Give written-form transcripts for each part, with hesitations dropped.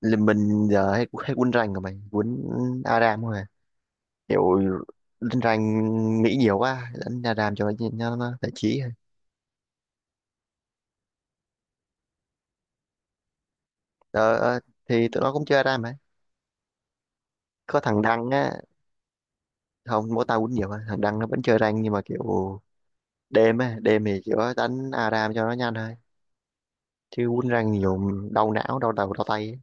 Là mình giờ hay quýnh rank rồi, mày quýnh Aram thôi à. Kiểu lên rank nghĩ nhiều quá đánh Aram cho nó giải trí thôi. Ờ, thì tụi nó cũng chơi Aram ấy, có thằng Đăng á. Không, mỗi tao quýnh nhiều mà thằng Đăng nó vẫn chơi rank, nhưng mà kiểu đêm á, đêm thì kiểu đánh Aram cho nó nhanh thôi chứ quýnh rank nhiều đau não đau đầu đau tay ấy.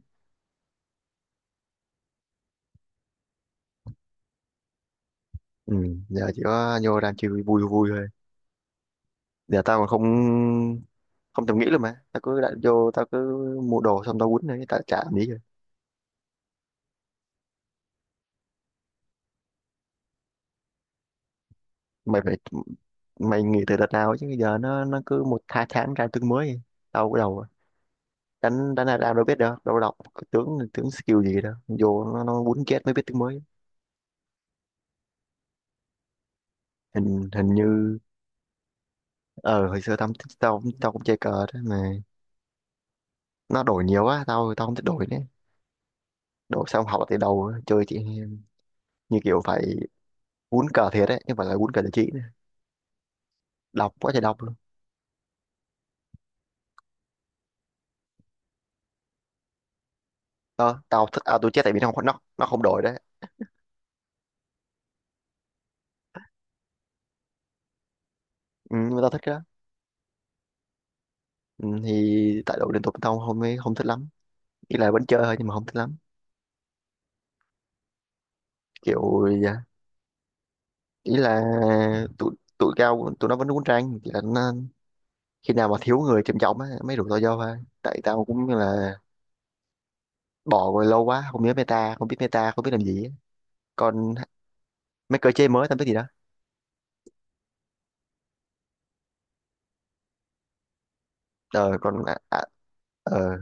Ừ, giờ chỉ có vô rank chơi vui vui vui thôi. Giờ tao mà không không thèm nghĩ luôn mà tao cứ đặt vô, tao cứ mua đồ xong tao quýnh thôi, tao chả làm gì. Mày phải, mày nghỉ từ đợt nào ấy chứ bây giờ nó cứ một hai tháng ra tướng mới. Đâu cái đầu, đánh đánh là ra đâu biết đâu đâu đọc tướng tướng skill gì đâu, vô nó quýnh chết mới biết tướng mới. Hình hình như ờ hồi xưa tao tao tao cũng chơi cờ đó mà, nó đổi nhiều quá tao tao không thích đổi nữa. Đổi xong học từ đầu, chơi chị như kiểu phải quýnh cờ thiệt đấy, nhưng mà là quýnh cờ giải trí nữa. Đọc quá trời đọc luôn. Ờ, tao thích à, tôi chết tại vì nó không đổi đấy. Ừ, nhưng mà tao thích cái đó. Ừ, thì tại đổi liên tục tao không không thích lắm, ý là vẫn chơi thôi nhưng mà không thích lắm kiểu, dạ, ý là tụi tụi cao tụi nó vẫn uống trang, chỉ là nó, khi nào mà thiếu người trầm trọng á mới rủ tao vô thôi, tại tao cũng như là bỏ rồi lâu quá không nhớ meta, không biết meta không biết làm gì á. Còn mấy cơ chế mới tao biết gì đó. Ờ Còn ờ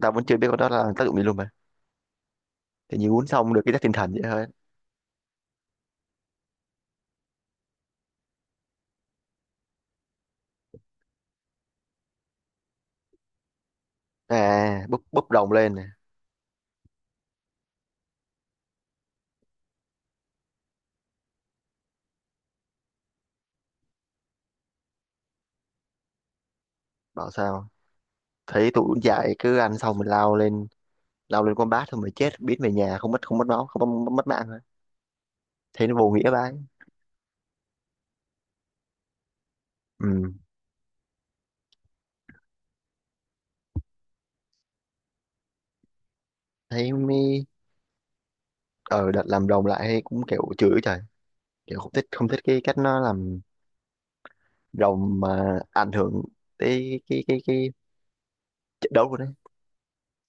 tao vẫn chưa biết con đó là tác dụng gì luôn mà. Thì như uống xong được cái chất tinh thần vậy thôi. À, bốc bốc đồng lên nè. Bảo sao thấy tụi uống dại cứ ăn xong mình lao lên, lao lên con bát thôi mà chết biến về nhà không mất máu không mất mạng. Thấy nó vô nghĩa vãi. Ừ. Thấy mới ờ đợt làm rồng lại cũng kiểu chửi trời, kiểu không thích cái cách nó làm rồng mà ảnh hưởng tới cái trận đấu của nó.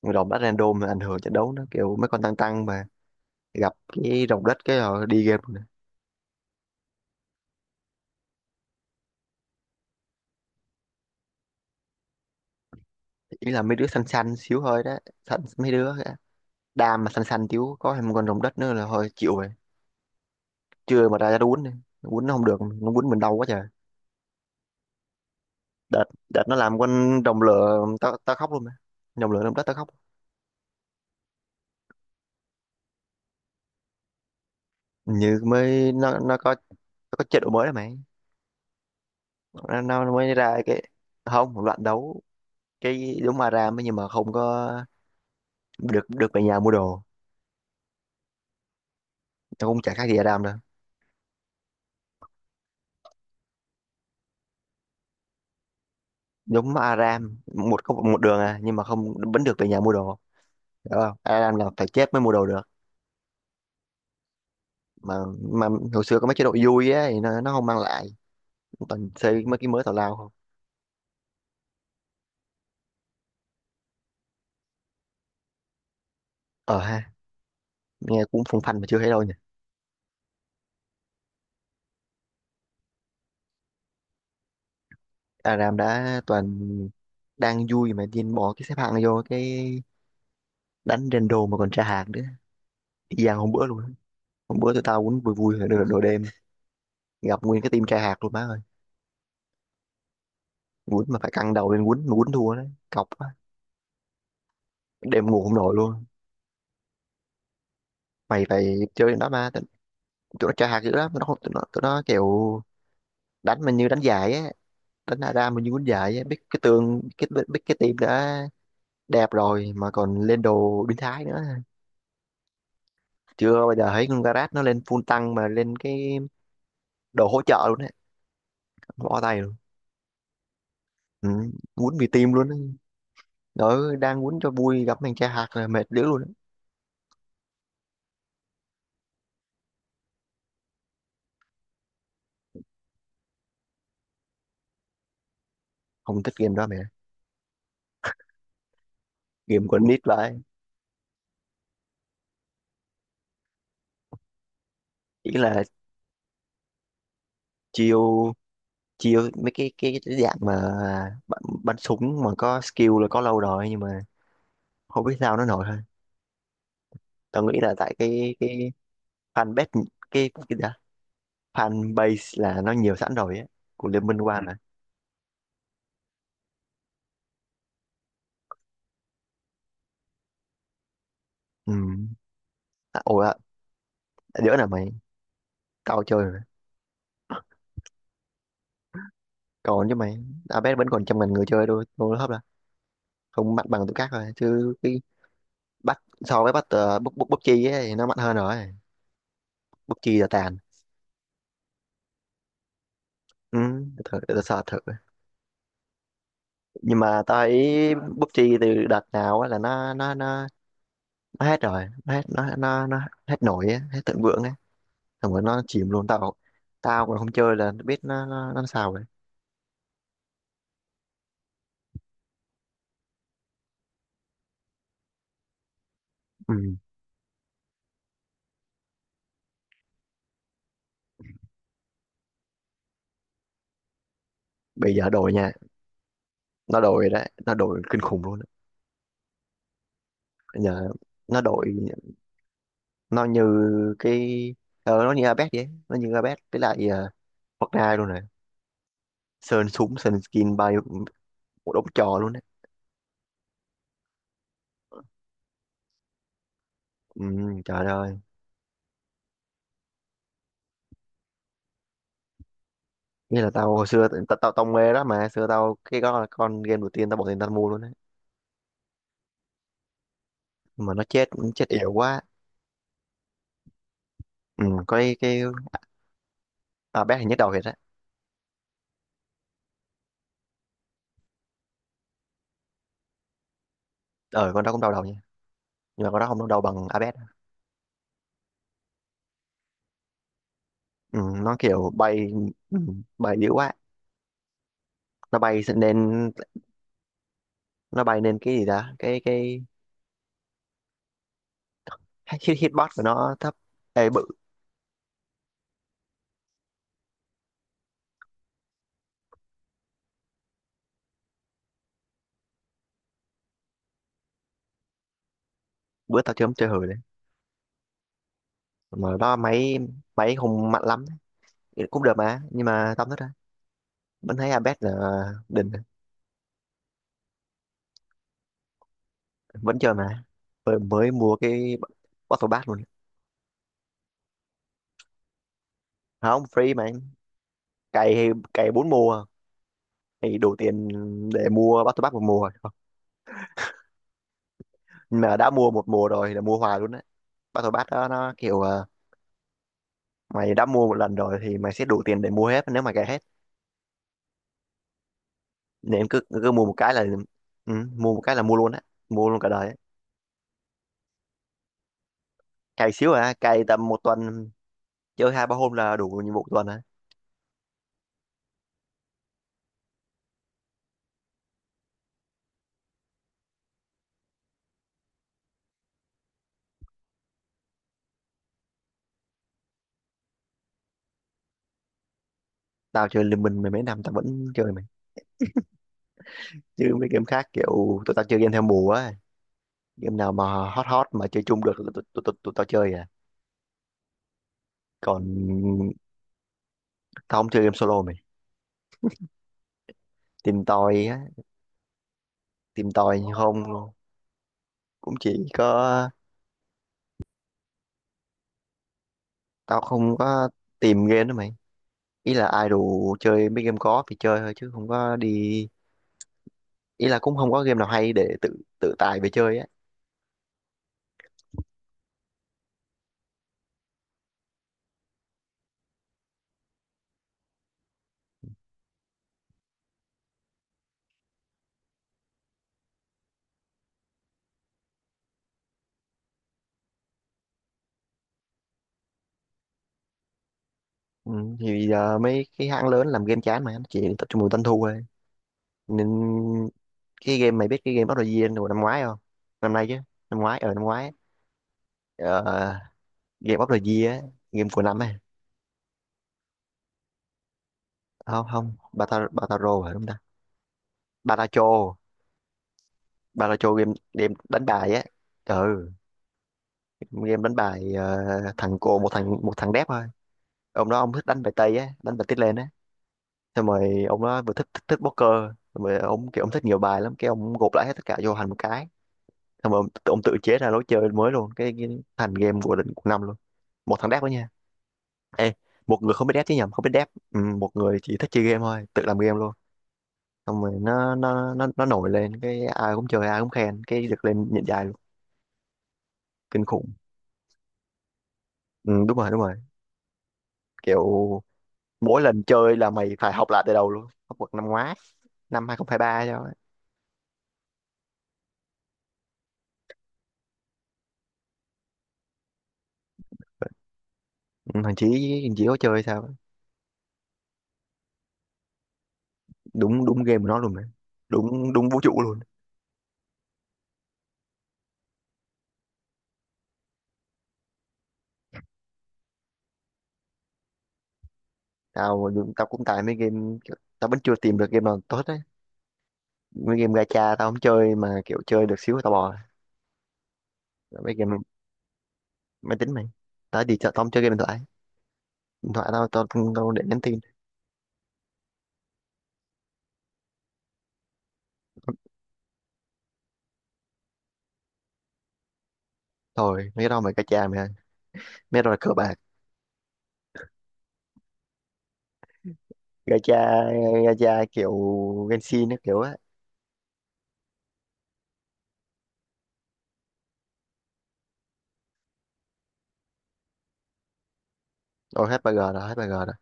Rồng bắt random mà ảnh hưởng trận đấu nó kiểu mấy con tăng tăng mà gặp cái rồng đất cái rồi đi game rồi. Ý là mấy đứa xanh xanh xíu hơi đó, xanh mấy đứa á. Đam mà xanh xanh xíu có thêm một con rồng đất nữa là thôi chịu rồi. Chưa mà ra ra quýnh đi, quýnh nó không được nó quýnh mình đau quá trời. Đợt đợt nó làm con rồng lửa tao tao khóc luôn mà, rồng lửa rồng đất tao khóc. Như mới nó có chế độ mới rồi mày, nó mới ra cái không một loạt đấu, cái giống Aram ấy, nhưng mà không có được được về nhà mua đồ, nó cũng chả khác gì Aram đâu. Giống Aram một có một đường à, nhưng mà không, vẫn được về nhà mua đồ, hiểu không? Aram là phải chết mới mua đồ được. Mà mà hồi xưa có mấy chế độ vui á thì nó không mang lại, toàn xây mấy cái mới tào lao không. Ờ ha, nghe cũng phong phanh mà chưa thấy đâu nhỉ. Aram đã toàn đang vui mà điên bỏ cái xếp hạng vô cái đánh rando, mà còn tra hạt nữa, y gian hôm bữa luôn á. Hôm bữa tụi tao quýnh vui vui rồi nửa đồ đêm, gặp nguyên cái team tra hạt luôn má ơi. Quýnh mà phải căng đầu lên quýnh, mà quýnh thua đấy cọc quá, đêm ngủ không nổi luôn. Mày phải chơi cái đó mà tụi, tụi nó tra hạt dữ lắm, tụi nó không tụi nó, tụi nó kiểu đánh mình như đánh giải á, đánh ra ra mình như quýnh giải á, biết cái tường biết cái team đã đẹp rồi mà còn lên đồ biến thái nữa. Chưa bao giờ thấy con Garage nó lên full tăng mà lên cái đồ hỗ trợ luôn đấy, bỏ tay luôn. Ừ, quýnh vì team luôn á. Đó, đang quýnh cho vui gặp thằng cha hạt là mệt đéo luôn á. Không thích game đó mẹ. Game của anh nít vậy. Chỉ là chiêu chiêu mấy cái dạng mà bắn súng mà có skill là có lâu rồi nhưng mà không biết sao nó nổi thôi. Tao nghĩ là tại cái fan base cái gì đó, fan base là nó nhiều sẵn rồi á, của Liên Minh One. Ừ. Ừ. À, ủa, à, đứa nào mày? Tao chơi rồi. Còn chứ mày, Abed vẫn còn trăm ngàn người chơi thôi, tôi hấp là không mạnh bằng tụi khác rồi chứ. Cái bắt so với bắt bút bút bút chi ấy, thì nó mạnh hơn rồi, bút chi là tàn. Ừ, để thử để sợ thử, nhưng mà tao thấy bút chi từ đợt nào á là nó hết rồi, nó hết nổi á, hết thịnh vượng ấy, xong rồi nó chìm luôn. Tao tao còn không chơi là biết nó sao rồi. Ừ. Bây giờ đổi nha, nó đổi đấy, nó đổi kinh khủng luôn đấy. Bây giờ nó đổi, nó như cái nó như Abed vậy, nó như Abed với lại Fortnite luôn này, sơn súng sơn skin bao nhiêu một đống trò luôn đấy. Ừ, trời ơi. Nghĩa là tao hồi xưa tao tao, tao mê đó mà, xưa tao cái đó là con game đầu tiên tao bỏ tiền tao mua luôn đấy, mà nó chết, chết yếu quá. Ừ, có cái, à, bé thì nhức đầu thiệt đấy. Ờ con đó cũng đau đầu nha, nhưng mà con đó không đau đầu bằng Abed. Ừ, nó kiểu bay. Ừ, bay yếu quá, nó bay nên nó bay nên cái gì đó cái hitbox của nó thấp. Ê bự, bữa tao chơi chơi hời đấy mà đó máy máy không mạnh lắm đấy. Cũng được mà, nhưng mà tao thích đấy, vẫn thấy Abed là đỉnh. Vẫn chơi mà, mới mua cái Battle Pass luôn. Không free mà anh, cày bốn mùa thì đủ tiền để mua Battle Pass một mùa. Mà đã mua một mùa rồi là mua hoài luôn đấy, Battle Pass đó nó kiểu à, mày đã mua một lần rồi thì mày sẽ đủ tiền để mua hết nếu mà cày hết, nên cứ cứ mua một cái là. Ừ, mua một cái là mua luôn á, mua luôn cả đời á. Cày xíu à cày tầm một tuần, chơi hai ba hôm là đủ nhiệm vụ tuần á. Tao chơi liên minh mười mấy năm tao vẫn chơi mày, chứ mấy game khác kiểu tụi tao chơi game theo mùa á, game nào mà hot hot mà chơi chung được là tụi tụi tụi tụi tao chơi à. Còn tao không chơi game solo mày, tìm tòi á, tìm tòi không luôn, cũng chỉ có, tao không có tìm game đó mày. Ý là ai đủ chơi mấy game có thì chơi thôi chứ không có đi, ý là cũng không có game nào hay để tự tự tài về chơi á. Ừ, thì giờ mấy cái hãng lớn làm game chán mà nó chỉ tập trung vào doanh thu thôi, nên cái game, mày biết cái game Battle Royale hồi năm ngoái không? Năm nay chứ, năm ngoái, ở năm ngoái á. Ờ, game of the year á, game của năm á. Không, không, Bataro hả đúng ta, Baracho, Baracho game game đánh bài á. Ừ, game đánh bài, thằng cô, một thằng đép thôi. Ông đó ông thích đánh bài tây á, đánh bài tít lên á, xong rồi ông đó vừa thích thích, thích poker, xong rồi ông kiểu ông thích nhiều bài lắm, cái ông gộp lại hết tất cả vô thành một cái, xong rồi ông tự chế ra lối chơi mới luôn, cái thành game của định của năm luôn. Một thằng đép đó nha. Ê, một người không biết đép chứ nhầm, không biết đép. Ừ, một người chỉ thích chơi game thôi tự làm game luôn, xong rồi nó nổi lên cái ai cũng chơi ai cũng khen, cái được lên nhận dài luôn, kinh khủng. Ừ, đúng rồi, đúng rồi, kiểu mỗi lần chơi là mày phải học lại từ đầu luôn, học bậc năm ngoái năm 2023 cho ấy. Ừ, thằng Chí, có chơi sao ấy. Đúng đúng, game của nó luôn mà, đúng đúng vũ trụ luôn. Tao tao cũng tại mấy tao vẫn chưa tìm được game nào tốt đấy, mấy game gacha tao không chơi mà kiểu chơi được xíu là tao bỏ. Là mấy game máy tính mày, tao đi chợ tao không chơi game điện thoại, điện thoại tao tao tao, để nhắn tin. Rồi mấy cái đó mày, gacha mày ơi. Mét rồi cờ bạc, gacha gacha kiểu Genshin ấy, kiểu á. Ôi, hết bagger rồi, hết bagger rồi.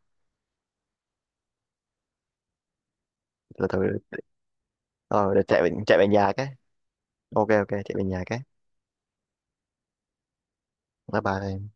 Từ từ, ờ để chạy về nhà cái. Ok, ok, chạy về nhà cái. Bye bye.